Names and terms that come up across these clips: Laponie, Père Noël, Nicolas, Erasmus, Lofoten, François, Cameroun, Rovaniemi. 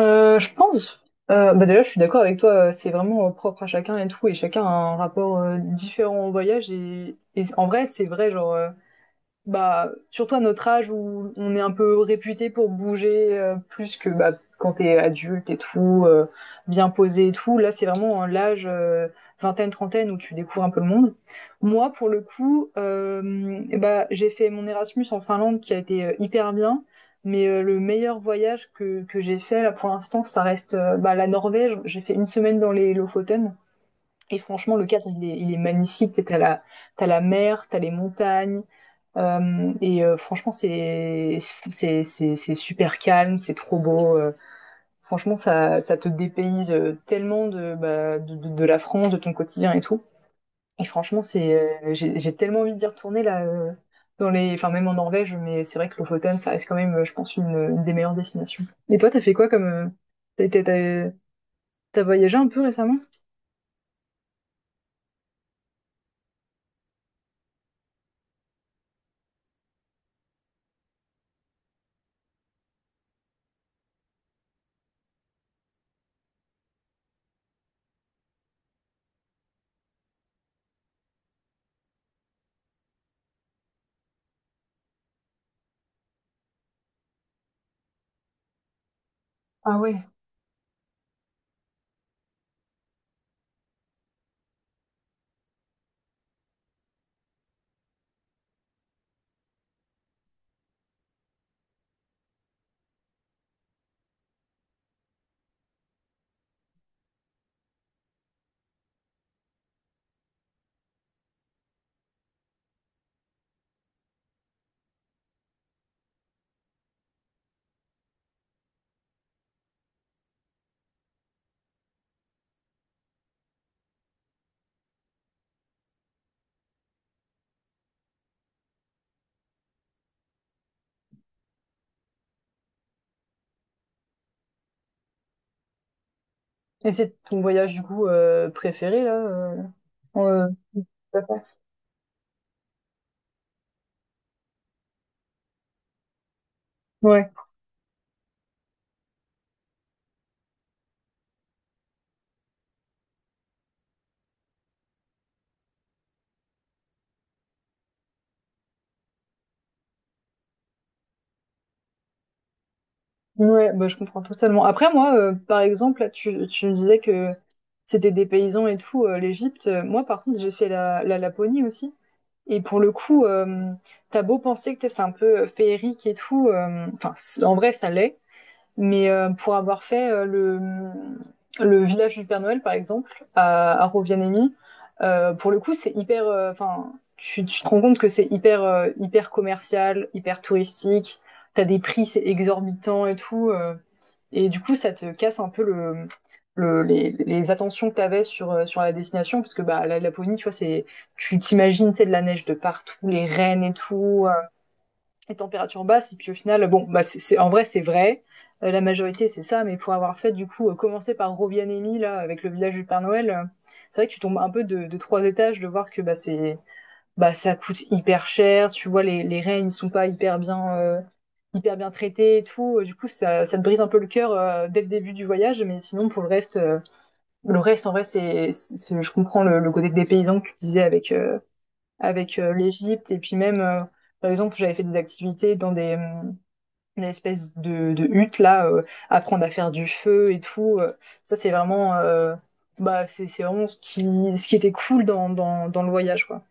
Je pense, bah déjà je suis d'accord avec toi, c'est vraiment propre à chacun et tout, et chacun a un rapport différent au voyage, et en vrai c'est vrai, genre bah, surtout à notre âge où on est un peu réputé pour bouger plus que bah, quand t'es adulte et tout, bien posé et tout. Là, c'est vraiment l'âge vingtaine, trentaine où tu découvres un peu le monde. Moi, pour le coup, eh bah, j'ai fait mon Erasmus en Finlande qui a été hyper bien. Mais le meilleur voyage que j'ai fait là pour l'instant, ça reste bah, la Norvège. J'ai fait une semaine dans les Lofoten. Et franchement, le cadre, il est magnifique. T'as la mer, t'as les montagnes, et franchement, c'est super calme, c'est trop beau. Franchement, ça te dépayse tellement de, bah, de la France, de ton quotidien et tout. Et franchement, c'est j'ai tellement envie d'y retourner là dans les enfin même en Norvège, mais c'est vrai que Lofoten, ça reste quand même, je pense, une des meilleures destinations. Et toi, t'as fait quoi comme t'as été- t'as t'as voyagé un peu récemment? Ah ouais. Et c'est ton voyage du coup préféré là? En, t'as fait Ouais, bah, je comprends totalement. Après, moi, par exemple, là, tu me disais que c'était des paysans et tout, l'Égypte. Moi, par contre, j'ai fait la Laponie aussi et pour le coup, tu beau penser que t'es c'est un peu, féerique et tout, enfin, c en vrai, ça l'est, mais pour avoir fait le village du Père Noël, par exemple, à Rovianemi, pour le coup, c'est hyper. Enfin, enfin, tu te rends compte que c'est hyper, hyper commercial, hyper touristique. T'as des prix, c'est exorbitant et tout. Et du coup, ça te casse un peu le, les attentions que t'avais sur, sur la destination, parce que bah, la Laponie, tu vois, c'est, tu t'imagines, c'est de la neige de partout, les rennes et tout, les températures basses. Et puis au final, bon, bah c'est en vrai, c'est vrai. La majorité, c'est ça. Mais pour avoir fait, du coup, commencer par Robianemi, là, avec le village du Père Noël, c'est vrai que tu tombes un peu de trois étages de voir que bah, c'est, bah, ça coûte hyper cher. Tu vois, les reines, ils sont pas hyper bien, hyper bien traités et tout. Du coup, ça te brise un peu le cœur dès le début du voyage. Mais sinon, pour le reste, en vrai, c'est je comprends le côté des paysans que tu disais avec avec l'Égypte. Et puis même, par exemple, j'avais fait des activités dans des, une espèce de hutte, là, apprendre à faire du feu et tout. Ça, c'est vraiment, bah, c'est vraiment ce qui était cool dans, dans, dans le voyage, quoi.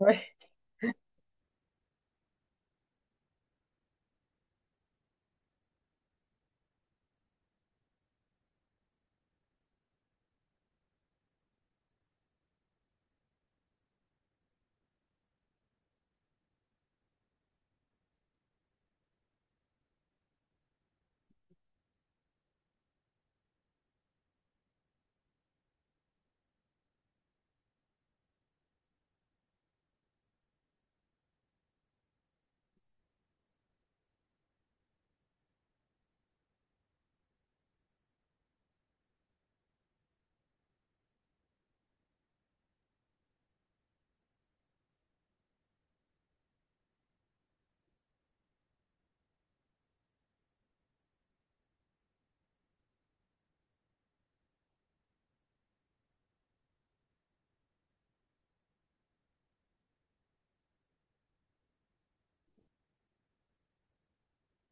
Ouais.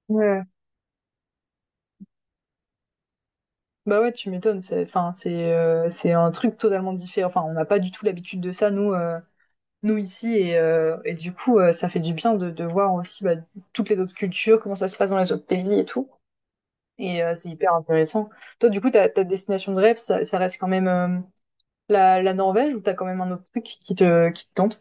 Ouais. Bah ouais, tu m'étonnes. C'est, enfin, c'est un truc totalement différent. Enfin, on n'a pas du tout l'habitude de ça, nous, nous ici. Et du coup, ça fait du bien de voir aussi bah, toutes les autres cultures, comment ça se passe dans les autres pays et tout. Et c'est hyper intéressant. Toi, du coup, ta destination de rêve, ça reste quand même la Norvège ou t'as quand même un autre truc qui te tente?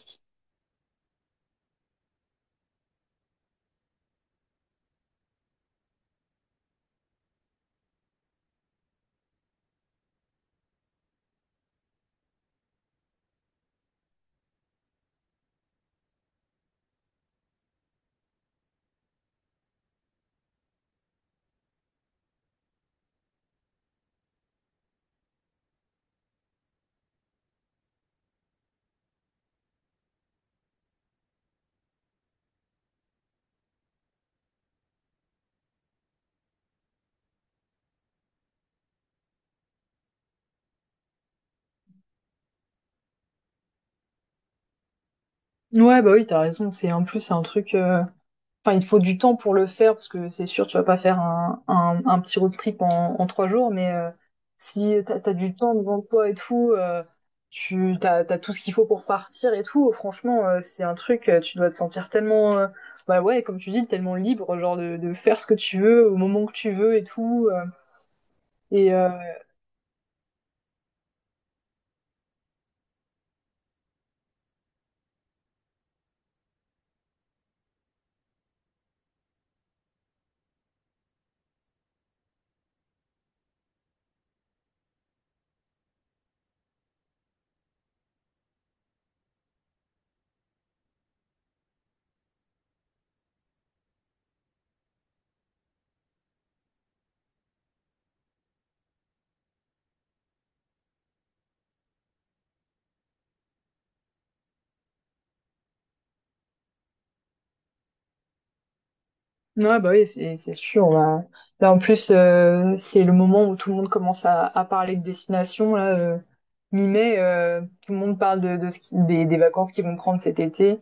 Ouais, bah oui, t'as raison. C'est en plus c'est un truc. Enfin, il te faut du temps pour le faire parce que c'est sûr, tu vas pas faire un petit road trip en trois jours. Mais si t'as du temps devant toi et tout, tu t'as tout ce qu'il faut pour partir et tout. Franchement, c'est un truc. Tu dois te sentir tellement, bah ouais, comme tu dis, tellement libre, genre de faire ce que tu veux au moment que tu veux et tout. Et ouais, bah oui, c'est sûr. Là, en plus, c'est le moment où tout le monde commence à parler de destination. Là, mi-mai, tout le monde parle de ce qui- des vacances qu'ils vont prendre cet été.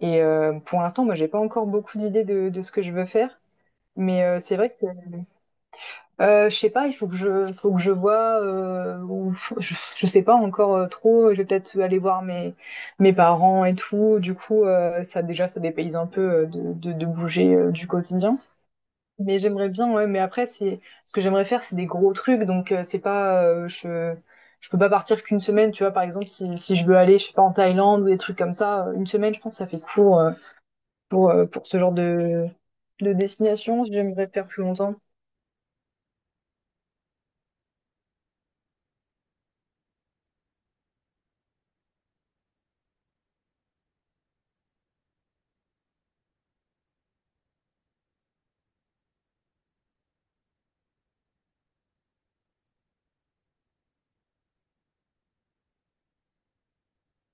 Et pour l'instant, moi, j'ai pas encore beaucoup d'idées de ce que je veux faire. Mais c'est vrai que je sais pas. Il faut que je vois. Ou faut- je sais pas encore trop. Je vais peut-être aller voir mes mes parents et tout. Du coup, ça déjà, ça dépayse un peu de, de bouger du quotidien. Mais j'aimerais bien, ouais, mais après, c'est ce que j'aimerais faire, c'est des gros trucs, donc c'est pas, je peux pas partir qu'une semaine, tu vois, par exemple, si je veux aller, je sais pas, en Thaïlande ou des trucs comme ça, une semaine, je pense, que ça fait court pour ce genre de destination, j'aimerais faire plus longtemps.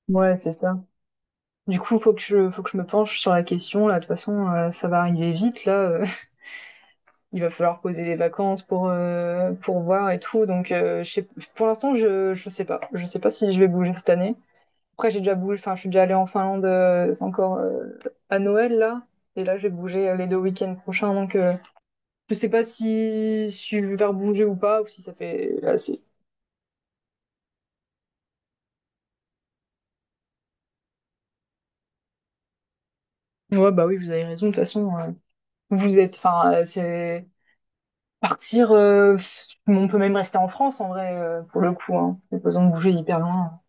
Ouais, c'est ça. Du coup, faut que je me penche sur la question, là, de toute façon, ça va arriver vite, là, il va falloir poser les vacances pour voir et tout, donc, pour l'instant, je sais pas si je vais bouger cette année. Après, j'ai déjà bougé, enfin, je suis déjà allée en Finlande, c'est encore à Noël là. Et là, je vais bouger les deux week-ends prochains, donc je sais pas si je vais faire bouger ou pas, ou si ça fait assez. Ouais, bah oui, vous avez raison, de toute façon, vous êtes, enfin, c'est partir, on peut même rester en France en vrai, pour le coup, hein. Pas besoin de bouger hyper loin.